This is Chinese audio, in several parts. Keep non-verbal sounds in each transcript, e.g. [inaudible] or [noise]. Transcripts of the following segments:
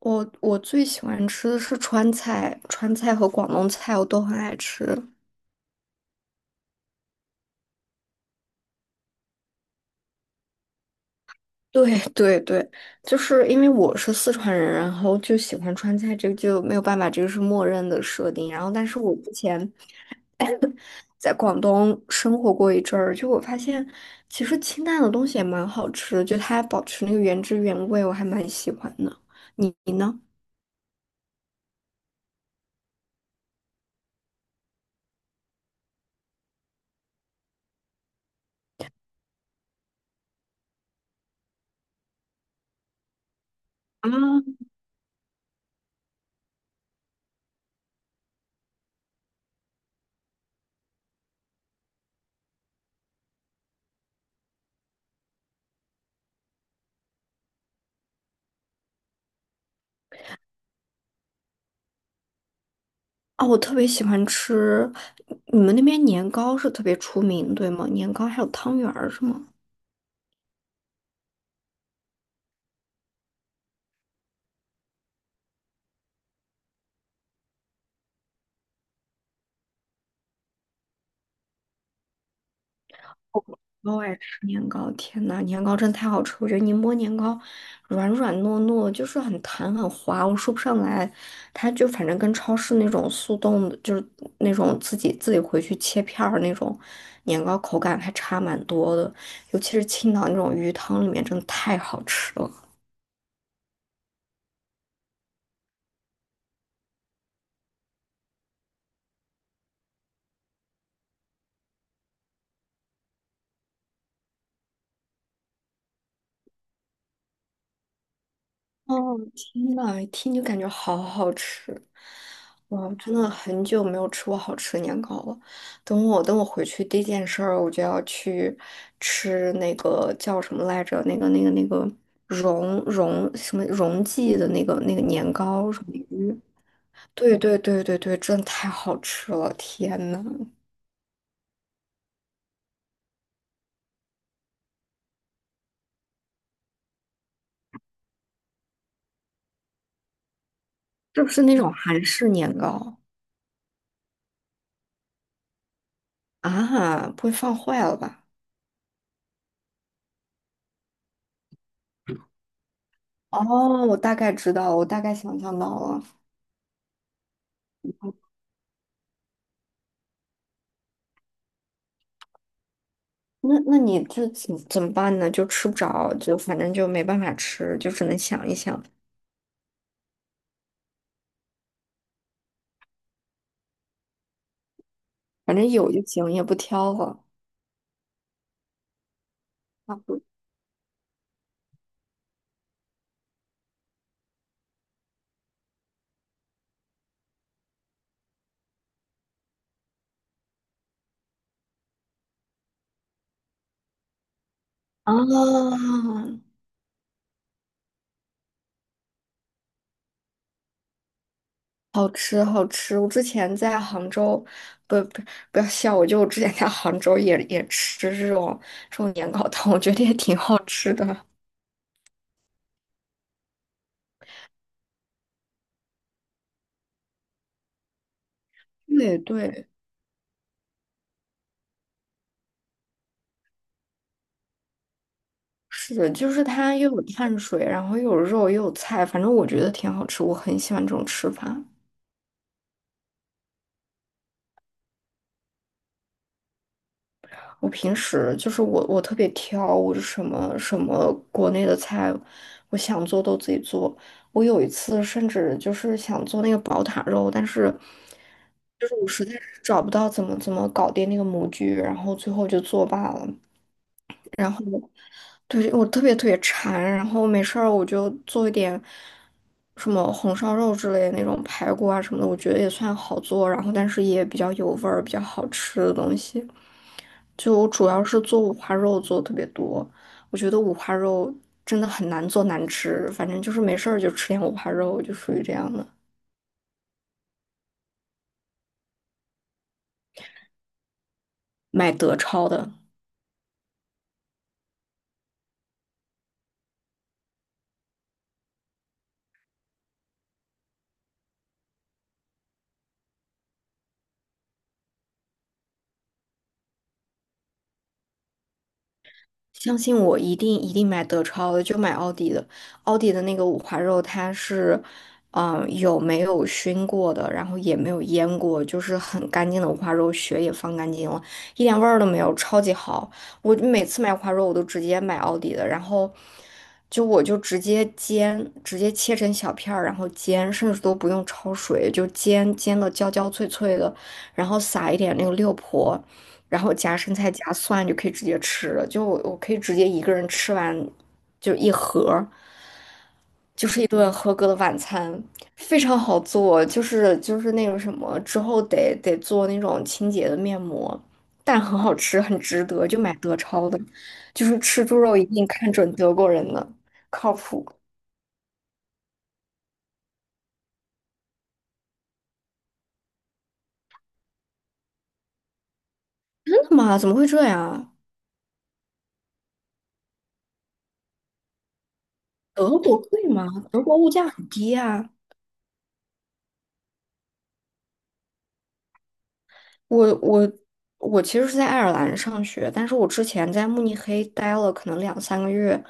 我最喜欢吃的是川菜，川菜和广东菜我都很爱吃。对 [laughs] 对对，就是因为我是四川人，然后就喜欢川菜，这个就没有办法，这个是默认的设定。然后，但是我之前 [coughs] 在广东生活过一阵儿，就我发现其实清淡的东西也蛮好吃的，就它保持那个原汁原味，我还蛮喜欢的。你呢？哦，我特别喜欢吃，你们那边年糕是特别出名，对吗？年糕还有汤圆儿是吗？我爱吃年糕，天呐，年糕真太好吃！我觉得宁波年糕软软糯糯，就是很弹很滑，我说不上来。它就反正跟超市那种速冻的，就是那种自己回去切片儿那种年糕，口感还差蛮多的。尤其是青岛那种鱼汤里面，真的太好吃了。哦，天呐，一听就感觉好好吃！哇，真的很久没有吃过好吃的年糕了。等我回去第一件事儿，我就要去吃那个叫什么来着？那个荣什么荣记的那个年糕什么鱼？对对对对对，真的太好吃了！天呐，是不是那种韩式年糕啊？不会放坏了吧？哦，我大概知道了，我大概想象到了。那你这怎么办呢？就吃不着，就反正就没办法吃，就只能想一想，反正有就行，也不挑了。啊不啊，好吃，好吃！我之前在杭州，不不不要笑我，就我之前在杭州也吃这种年糕汤，我觉得也挺好吃的。对对，是的，就是它又有碳水，然后又有肉又有菜，反正我觉得挺好吃，我很喜欢这种吃法。我平时就是我特别挑，我是什么国内的菜，我想做都自己做。我有一次甚至就是想做那个宝塔肉，但是就是我实在是找不到怎么搞定那个模具，然后最后就作罢了。我对，我特别特别馋，然后没事儿我就做一点什么红烧肉之类的那种排骨啊什么的，我觉得也算好做，然后但是也比较有味儿，比较好吃的东西。就我主要是做五花肉做得特别多，我觉得五花肉真的很难做难吃，反正就是没事儿就吃点五花肉，就属于这样的。买德超的，相信我，一定一定买德超的，就买奥迪的。奥迪的那个五花肉，它是，有没有熏过的，然后也没有腌过，就是很干净的五花肉，血也放干净了，一点味儿都没有，超级好。我每次买五花肉，我都直接买奥迪的，然后我就直接煎，直接切成小片儿，然后煎，甚至都不用焯水，就煎煎的焦焦脆脆的，然后撒一点那个六婆。然后夹生菜夹蒜就可以直接吃了，就我可以直接一个人吃完，就一盒儿，就是一顿合格的晚餐，非常好做，就是那个什么之后得做那种清洁的面膜，但很好吃，很值得，就买德超的，就是吃猪肉一定看准德国人的，靠谱。真的吗？怎么会这样啊？德国贵吗？德国物价很低啊。我我我其实是在爱尔兰上学，但是我之前在慕尼黑待了可能两三个月，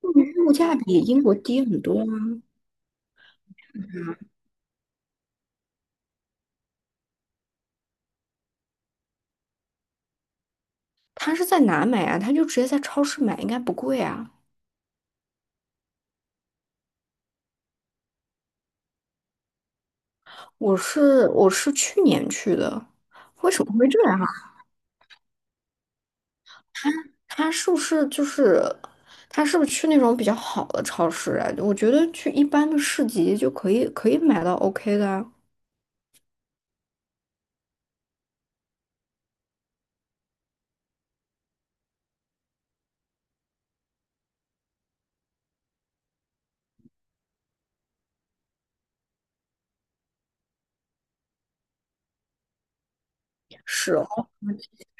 慕尼黑物价比英国低很多啊。他是在哪买啊？他就直接在超市买，应该不贵啊。我是去年去的，怎么会这样啊？他是不是就是他是不是去那种比较好的超市啊？我觉得去一般的市集就可以买到 OK 的啊，是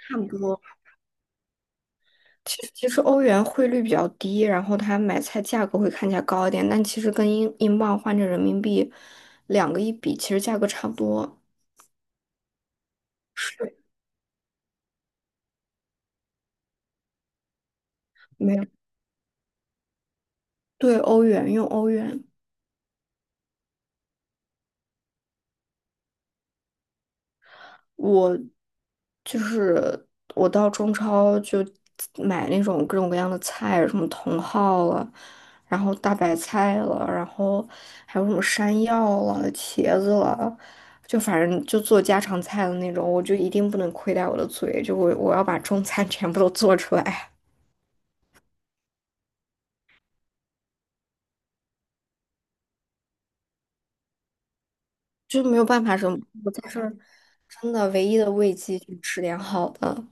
差不多。其实欧元汇率比较低，然后它买菜价格会看起来高一点，但其实跟英镑换成人民币，两个一比，其实价格差不多。是，没有，对，欧元，用欧元。我就是我到中超就买那种各种各样的菜，什么茼蒿了，然后大白菜了，然后还有什么山药了、茄子了，就反正就做家常菜的那种，我就一定不能亏待我的嘴，就我要把中餐 [laughs] 全部都做出来，[laughs] 就没有办法什么，我在这儿真的唯一的慰藉就是吃点好的。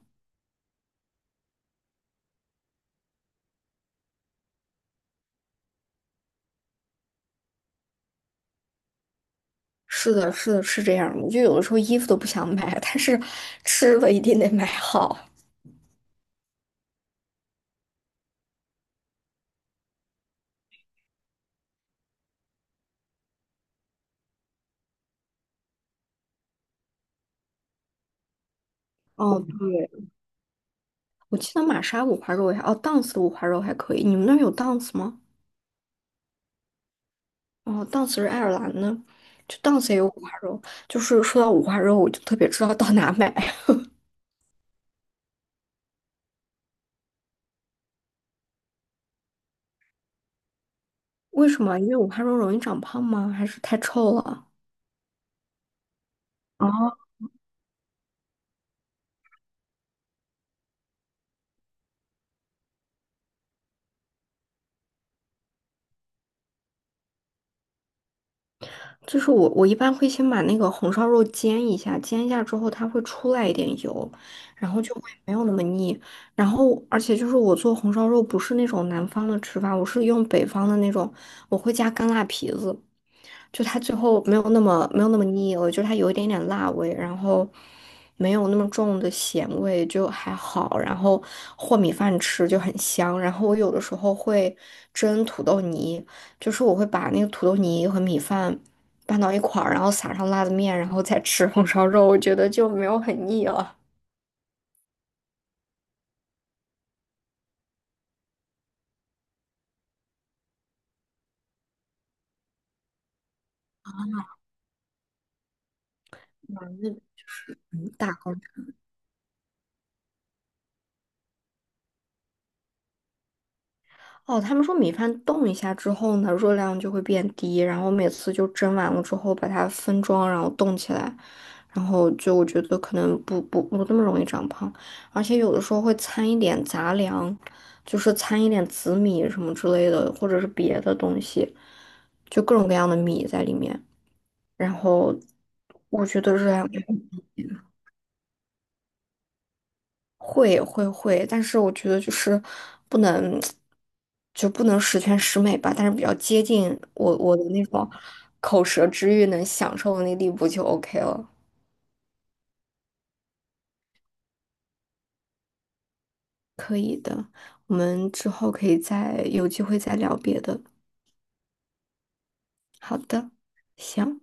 是的，是的，是这样。我就有的时候衣服都不想买，但是吃了一定得买好。哦，对，我记得玛莎五花肉也还，哦，Dance 的五花肉还可以。你们那儿有 Dance 吗？哦，Dance 是爱尔兰的，就 Dance 也有五花肉。就是说到五花肉，我就特别知道到哪买。[laughs] 为什么？因为五花肉容易长胖吗？还是太臭了？哦，就是我一般会先把那个红烧肉煎一下，煎一下之后它会出来一点油，然后就会没有那么腻。然后，而且就是我做红烧肉不是那种南方的吃法，我是用北方的那种，我会加干辣皮子。就它最后没有那么腻了，就它有一点点辣味，然后没有那么重的咸味，就还好。然后和米饭吃就很香。然后我有的时候会蒸土豆泥，就是我会把那个土豆泥和米饭拌到一块儿，然后撒上辣子面，然后再吃红烧肉，我觉得就没有很腻了。嗯，那就是，大口。哦，他们说米饭冻一下之后呢，热量就会变低，然后每次就蒸完了之后把它分装，然后冻起来，然后就我觉得可能不那么容易长胖，而且有的时候会掺一点杂粮，就是掺一点紫米什么之类的，或者是别的东西，就各种各样的米在里面，然后我觉得热量就很低。会会会，但是我觉得就是不能，就不能十全十美吧，但是比较接近我的那种口舌之欲能享受的那地步就 OK 了，可以的。我们之后可以再有机会再聊别的。好的，行。